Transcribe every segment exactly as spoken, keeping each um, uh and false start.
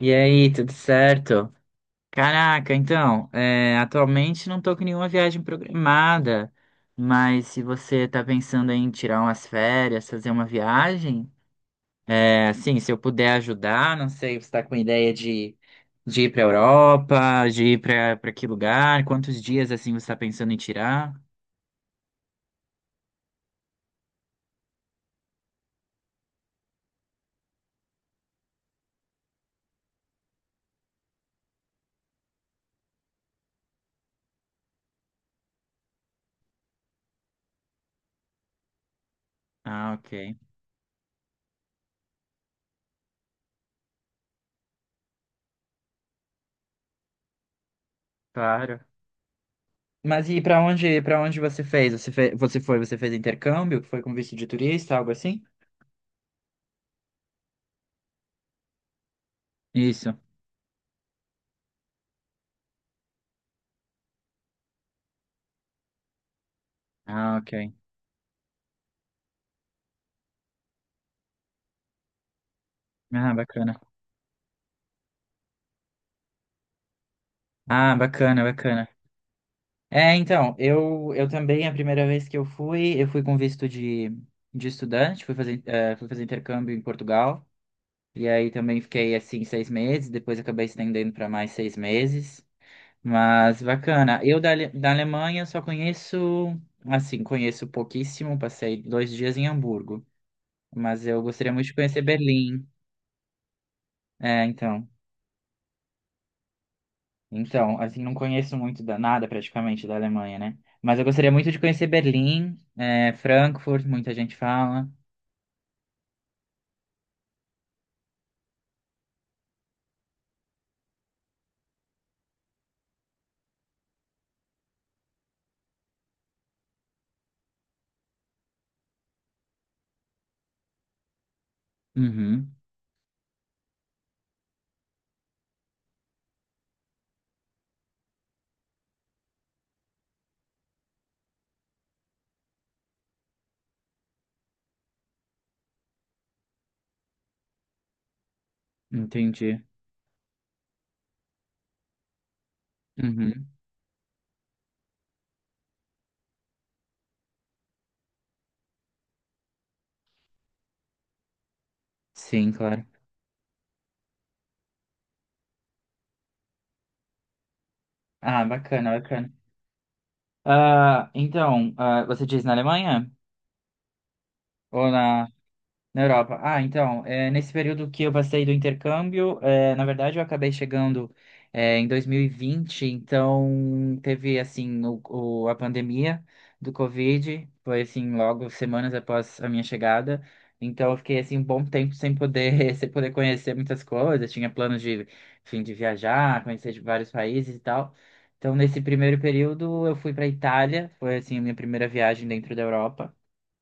E aí, tudo certo? Caraca, então, é, atualmente não tô com nenhuma viagem programada, mas se você tá pensando em tirar umas férias, fazer uma viagem, é, assim, se eu puder ajudar, não sei, você tá com ideia de, de ir pra Europa, de ir pra, pra que lugar, quantos dias, assim, você tá pensando em tirar? Ah, ok, claro. Mas e pra onde, para onde você fez? Você fe- você foi, você fez intercâmbio, foi com visto de turista, algo assim? Isso. Ah, ok. Ah, bacana. Ah, bacana, bacana. É, então, eu, eu também, a primeira vez que eu fui, eu fui com visto de, de estudante, fui fazer, eh, fui fazer intercâmbio em Portugal, e aí também fiquei, assim, seis meses, depois acabei estendendo para mais seis meses, mas bacana. Eu da, Ale- da Alemanha só conheço, assim, conheço pouquíssimo, passei dois dias em Hamburgo, mas eu gostaria muito de conhecer Berlim, é, então. Então, assim, não conheço muito da, nada praticamente da Alemanha, né? Mas eu gostaria muito de conhecer Berlim, é, Frankfurt, muita gente fala. Uhum, entendi. Uhum, sim, claro. Ah, bacana, bacana. Ah, então, ah, você diz na Alemanha? Ou na Na Europa. Ah, então, é, nesse período que eu passei do intercâmbio, é, na verdade eu acabei chegando é, em dois mil e vinte, então teve, assim, o, o- a pandemia do Covid, foi, assim, logo semanas após a minha chegada, então eu fiquei, assim, um bom tempo sem poder, sem poder conhecer muitas coisas, tinha planos de, enfim, de viajar, conhecer de vários países e tal, então nesse primeiro período eu fui para Itália, foi, assim, a minha primeira viagem dentro da Europa,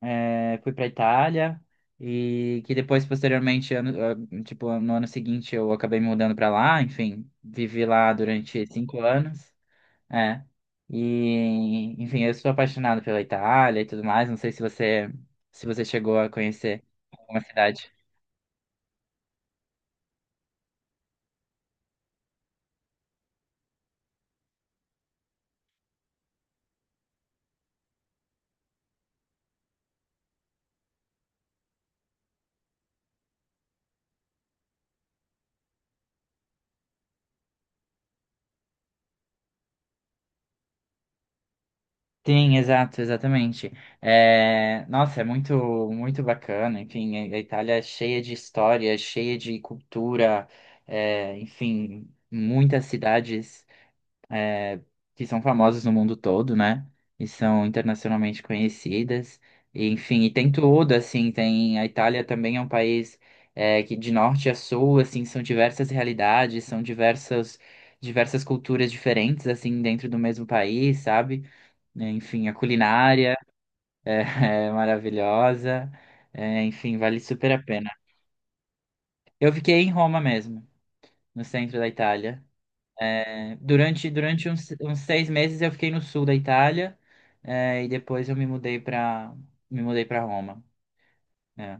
é, fui para Itália e que depois posteriormente ano, ah, tipo no ano seguinte eu acabei me mudando para lá, enfim, vivi lá durante cinco anos, é, e enfim eu sou apaixonado pela Itália e tudo mais, não sei se você se você chegou a conhecer alguma cidade. Sim, exato, exatamente. É, nossa, é muito, muito bacana. Enfim, a a Itália é cheia de história, cheia de cultura, é, enfim, muitas cidades que são famosas no mundo todo, né? E são internacionalmente conhecidas. E, enfim, e tem tudo, assim, tem, a Itália também é um país é, que de norte a sul, assim, são diversas realidades, são diversas diversas culturas diferentes, assim, dentro do mesmo país, sabe? É, enfim, a culinária é, é maravilhosa. É, enfim, vale super a pena. Eu fiquei em Roma mesmo, no centro da Itália. É, durante durante uns, uns seis meses eu fiquei no sul da Itália, é, e depois eu me mudei para me mudei para Roma. É.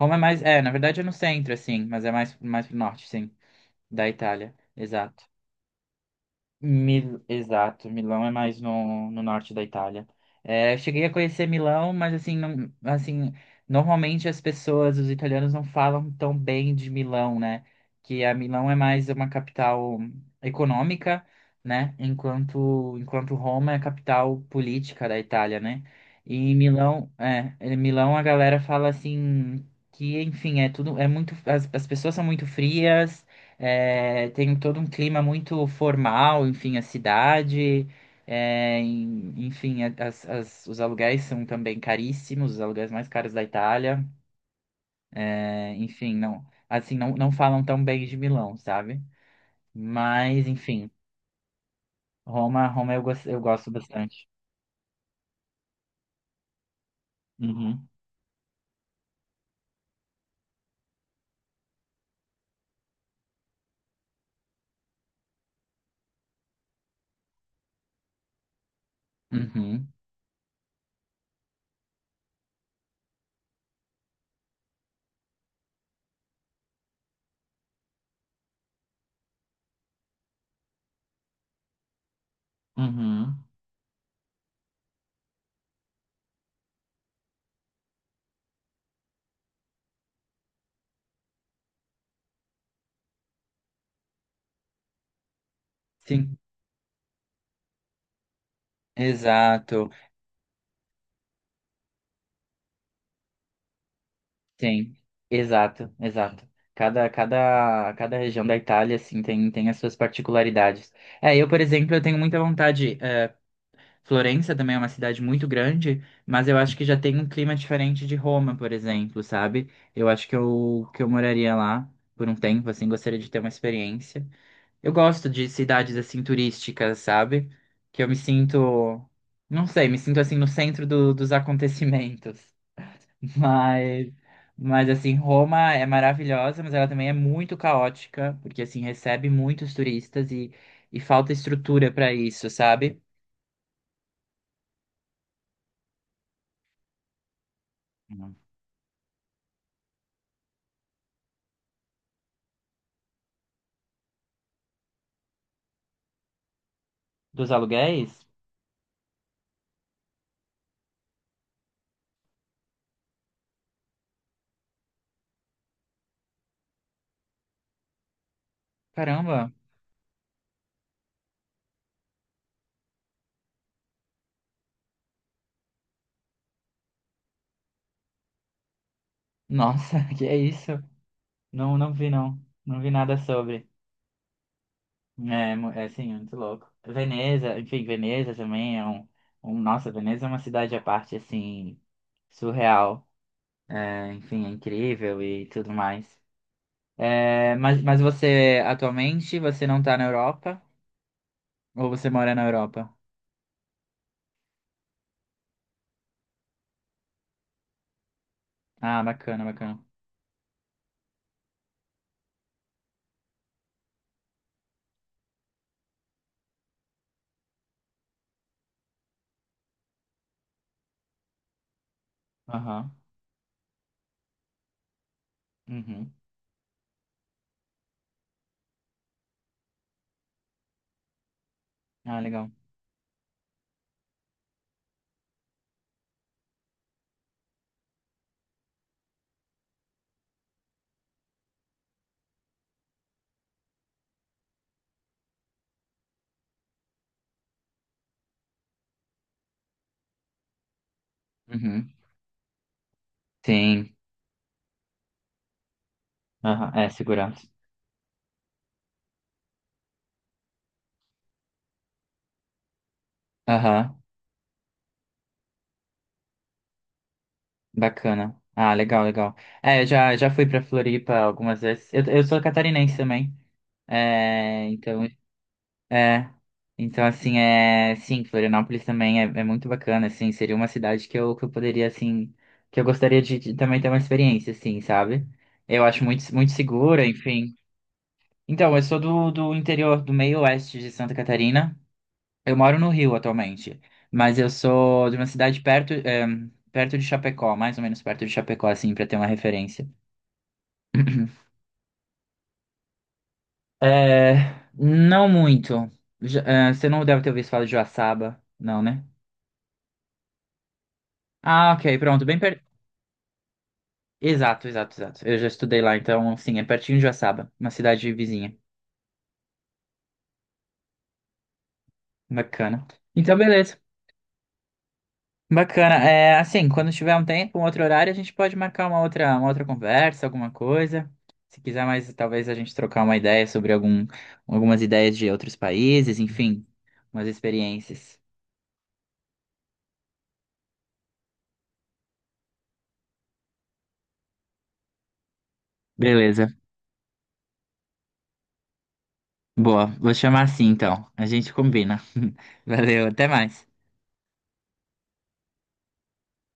Roma é mais, é, na verdade é no centro, assim, mas é mais mais pro norte, sim, da Itália. Exato. Mil... Exato, Milão é mais no, no norte da Itália. É, eu cheguei a conhecer Milão, mas assim, não, assim, normalmente as pessoas, os italianos não falam tão bem de Milão, né? Que a Milão é mais uma capital econômica, né? Enquanto, enquanto Roma é a capital política da Itália, né? E em Milão, é, em Milão a galera fala assim que, enfim, é tudo, é muito, as, as pessoas são muito frias, é, tem todo um clima muito formal, enfim, a cidade, é, em- enfim, a- as- as- os aluguéis são também caríssimos, os aluguéis mais caros da Itália. É, enfim, não, assim, não, não falam tão bem de Milão, sabe? Mas, enfim, Roma, Roma eu, gos- eu gosto bastante. Uhum, uhum, uhum. Sim, exato. Tem, exato, exato. Cada, cada, cada região da Itália, assim, tem, tem as suas particularidades. É, eu, por exemplo, eu tenho muita vontade, é, Florença também é uma cidade muito grande, mas eu acho que já tem um clima diferente de Roma, por exemplo, sabe? Eu acho que eu, que eu moraria lá por um tempo, assim, gostaria de ter uma experiência. Eu gosto de cidades, assim, turísticas, sabe? Que eu me sinto, não sei, me sinto, assim, no centro do- dos acontecimentos. Mas, mas assim, Roma é maravilhosa, mas ela também é muito caótica, porque assim recebe muitos turistas e, e falta estrutura para isso, sabe? Uhum. Dos aluguéis? Caramba, nossa, que é isso? Não, não vi não, não vi nada sobre. É, mu- é assim, muito louco. Veneza, enfim, Veneza também é um, um, nossa, Veneza é uma cidade à parte, assim, surreal. É, enfim, é incrível e tudo mais. É, mas, mas você atualmente você não tá na Europa? Ou você mora na Europa? Ah, bacana, bacana. Aham. Uhum. Ah, legal. Uhum. Sim. Aham. É, segurança. Aham. Bacana. Ah, legal, legal. É, eu já, já fui pra Floripa algumas vezes. Eu, eu sou catarinense também. É, então. É. Então, assim, é. Sim, Florianópolis também é, é muito bacana, assim. Seria uma cidade que eu, que eu poderia, assim, que eu gostaria de, de também ter uma experiência, assim, sabe? Eu acho muito, muito segura, enfim. Então, eu sou do, do interior, do meio oeste de Santa Catarina. Eu moro no Rio atualmente, mas eu sou de uma cidade perto, é, perto de Chapecó, mais ou menos perto de Chapecó, assim, pra ter uma referência. É. Não muito. Já- é, você não deve ter ouvido falar de Joaçaba, não, né? Ah, ok, pronto. Bem, per- Exato, exato, exato. Eu já estudei lá, então, assim, é pertinho de Joaçaba, uma cidade vizinha. Bacana. Então, beleza. Bacana. É, assim, quando tiver um tempo, um outro horário, a gente pode marcar uma outra, uma outra conversa, alguma coisa. Se quiser mais, talvez a gente trocar uma ideia sobre algum, algumas ideias de outros países, enfim, umas experiências. Beleza. Boa. Vou chamar assim, então. A gente combina. Valeu, até mais.